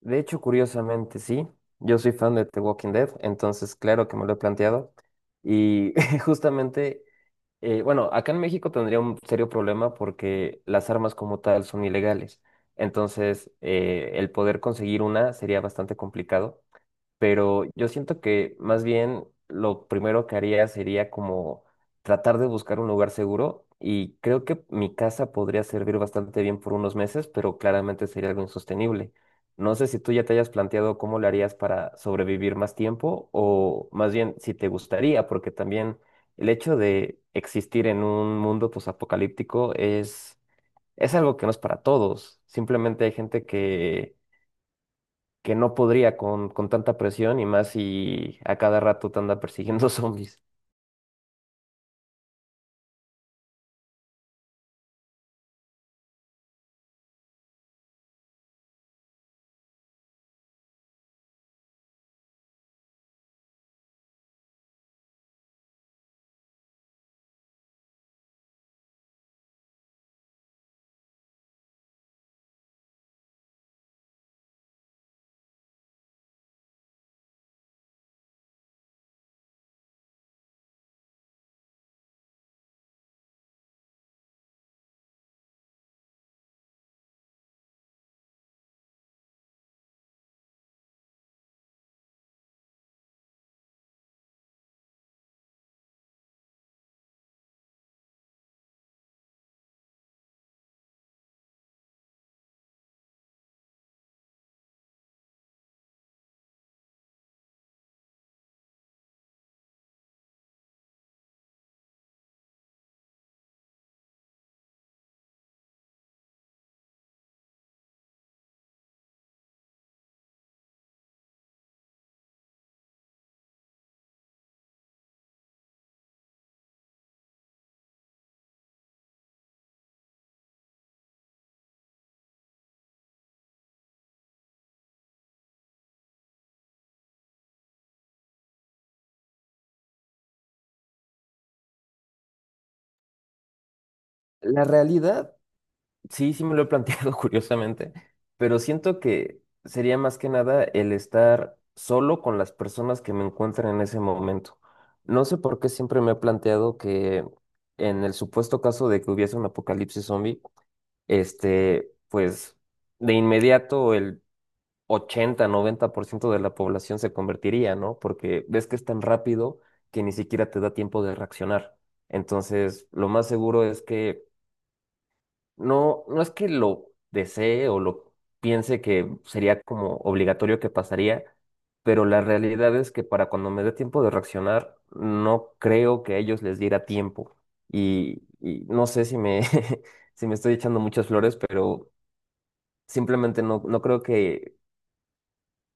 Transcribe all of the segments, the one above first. De hecho, curiosamente, sí. Yo soy fan de The Walking Dead, entonces claro que me lo he planteado. Y justamente, bueno, acá en México tendría un serio problema porque las armas como tal son ilegales. Entonces, el poder conseguir una sería bastante complicado, pero yo siento que más bien lo primero que haría sería como tratar de buscar un lugar seguro y creo que mi casa podría servir bastante bien por unos meses, pero claramente sería algo insostenible. No sé si tú ya te hayas planteado cómo lo harías para sobrevivir más tiempo o más bien si te gustaría, porque también el hecho de existir en un mundo posapocalíptico es algo que no es para todos. Simplemente hay gente que no podría con tanta presión y más si a cada rato te anda persiguiendo zombies. La realidad, sí me lo he planteado curiosamente, pero siento que sería más que nada el estar solo con las personas que me encuentran en ese momento. No sé por qué siempre me he planteado que en el supuesto caso de que hubiese un apocalipsis zombie, pues de inmediato el 80 90% de la población se convertiría, ¿no? Porque ves que es tan rápido que ni siquiera te da tiempo de reaccionar. Entonces, lo más seguro es que no es que lo desee o lo piense que sería como obligatorio que pasaría, pero la realidad es que para cuando me dé tiempo de reaccionar, no creo que a ellos les diera tiempo. Y no sé si me estoy echando muchas flores, pero simplemente no creo que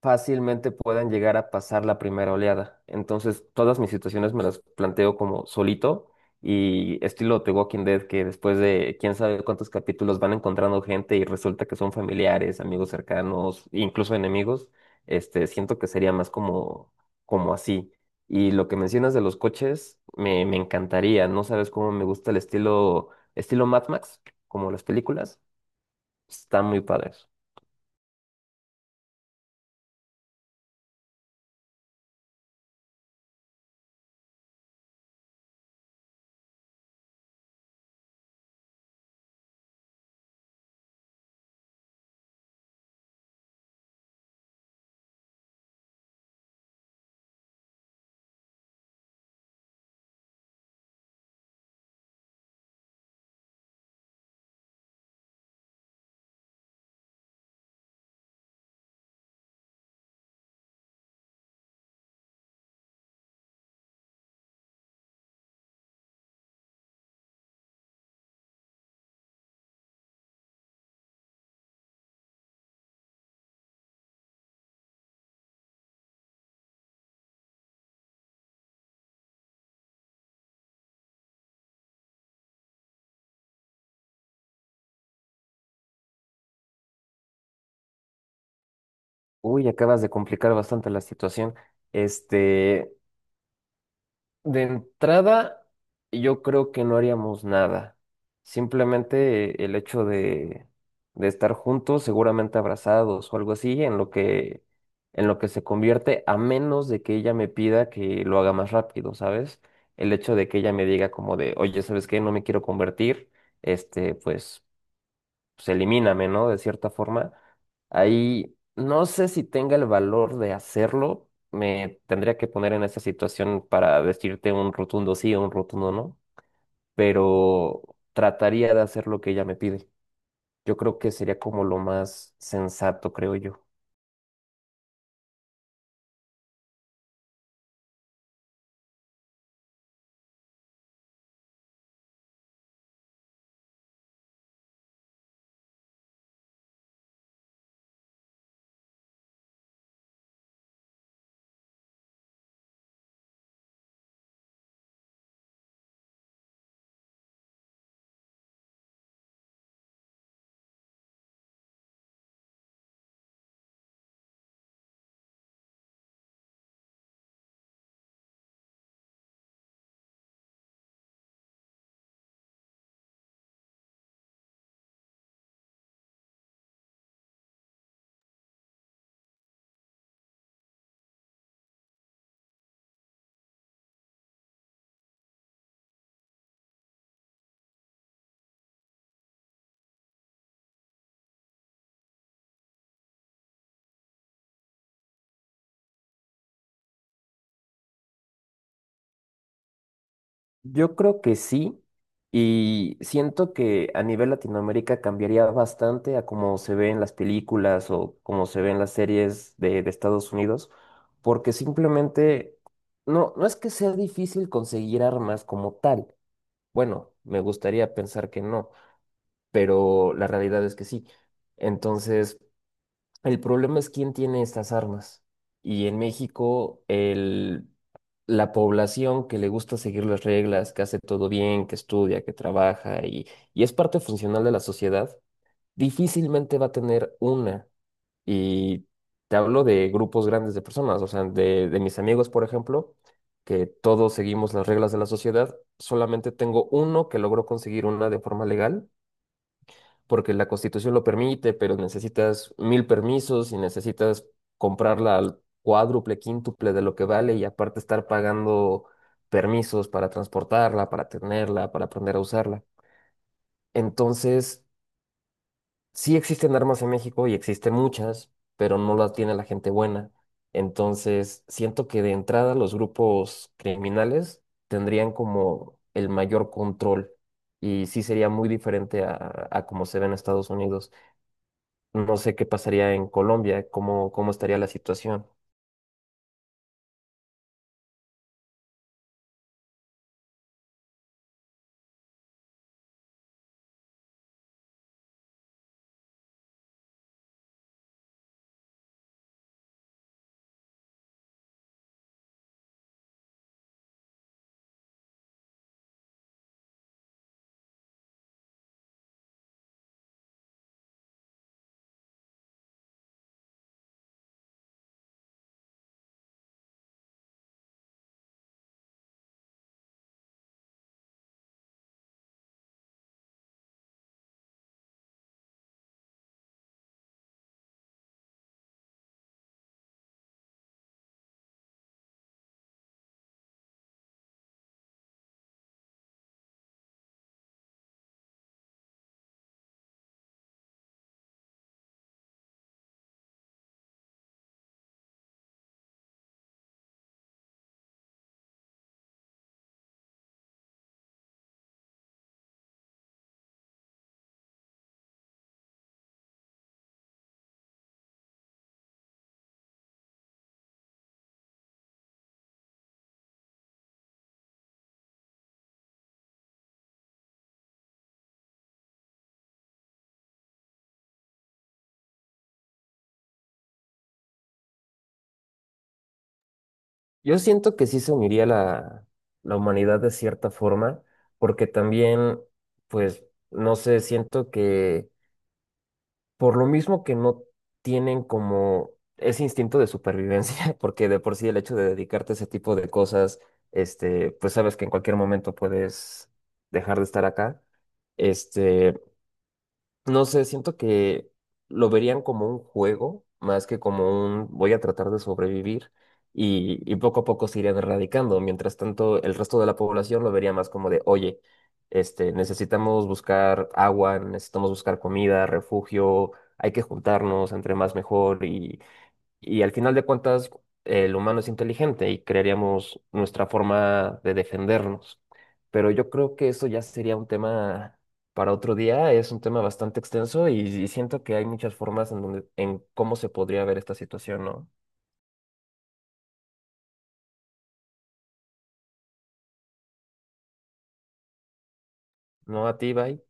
fácilmente puedan llegar a pasar la primera oleada. Entonces, todas mis situaciones me las planteo como solito y estilo The Walking Dead, que después de quién sabe cuántos capítulos van encontrando gente y resulta que son familiares, amigos cercanos, incluso enemigos, siento que sería más como así. Y lo que mencionas de los coches, me encantaría. No sabes cómo me gusta estilo Mad Max, como las películas. Están muy padres. Uy, acabas de complicar bastante la situación. Este, de entrada, yo creo que no haríamos nada. Simplemente el hecho de estar juntos, seguramente abrazados o algo así, en lo que se convierte, a menos de que ella me pida que lo haga más rápido, ¿sabes? El hecho de que ella me diga como de, oye, ¿sabes qué? No me quiero convertir. Pues pues elimíname, ¿no? De cierta forma. Ahí no sé si tenga el valor de hacerlo. Me tendría que poner en esa situación para decirte un rotundo sí o un rotundo no, pero trataría de hacer lo que ella me pide. Yo creo que sería como lo más sensato, creo yo. Yo creo que sí, y siento que a nivel Latinoamérica cambiaría bastante a cómo se ve en las películas o cómo se ve en las series de Estados Unidos, porque simplemente no es que sea difícil conseguir armas como tal. Bueno, me gustaría pensar que no, pero la realidad es que sí. Entonces, el problema es quién tiene estas armas. Y en México, la población que le gusta seguir las reglas, que hace todo bien, que estudia, que trabaja y es parte funcional de la sociedad, difícilmente va a tener una. Y te hablo de grupos grandes de personas, o sea, de mis amigos, por ejemplo, que todos seguimos las reglas de la sociedad, solamente tengo uno que logró conseguir una de forma legal porque la Constitución lo permite, pero necesitas mil permisos y necesitas comprarla al cuádruple, quíntuple de lo que vale y aparte estar pagando permisos para transportarla, para tenerla, para aprender a usarla. Entonces, sí existen armas en México y existen muchas, pero no las tiene la gente buena. Entonces, siento que de entrada los grupos criminales tendrían como el mayor control y sí sería muy diferente a como se ve en Estados Unidos. No sé qué pasaría en Colombia, cómo estaría la situación. Yo siento que sí se uniría la humanidad de cierta forma, porque también, pues, no sé, siento que por lo mismo que no tienen como ese instinto de supervivencia, porque de por sí el hecho de dedicarte a ese tipo de cosas, pues sabes que en cualquier momento puedes dejar de estar acá. Este, No sé, siento que lo verían como un juego, más que como un voy a tratar de sobrevivir y poco a poco se irían erradicando. Mientras tanto, el resto de la población lo vería más como de, oye, necesitamos buscar agua, necesitamos buscar comida, refugio, hay que juntarnos, entre más mejor y al final de cuentas, el humano es inteligente y crearíamos nuestra forma de defendernos. Pero yo creo que eso ya sería un tema para otro día, es un tema bastante extenso y siento que hay muchas formas en donde, en cómo se podría ver esta situación, ¿no? ¿No a ti, Bai?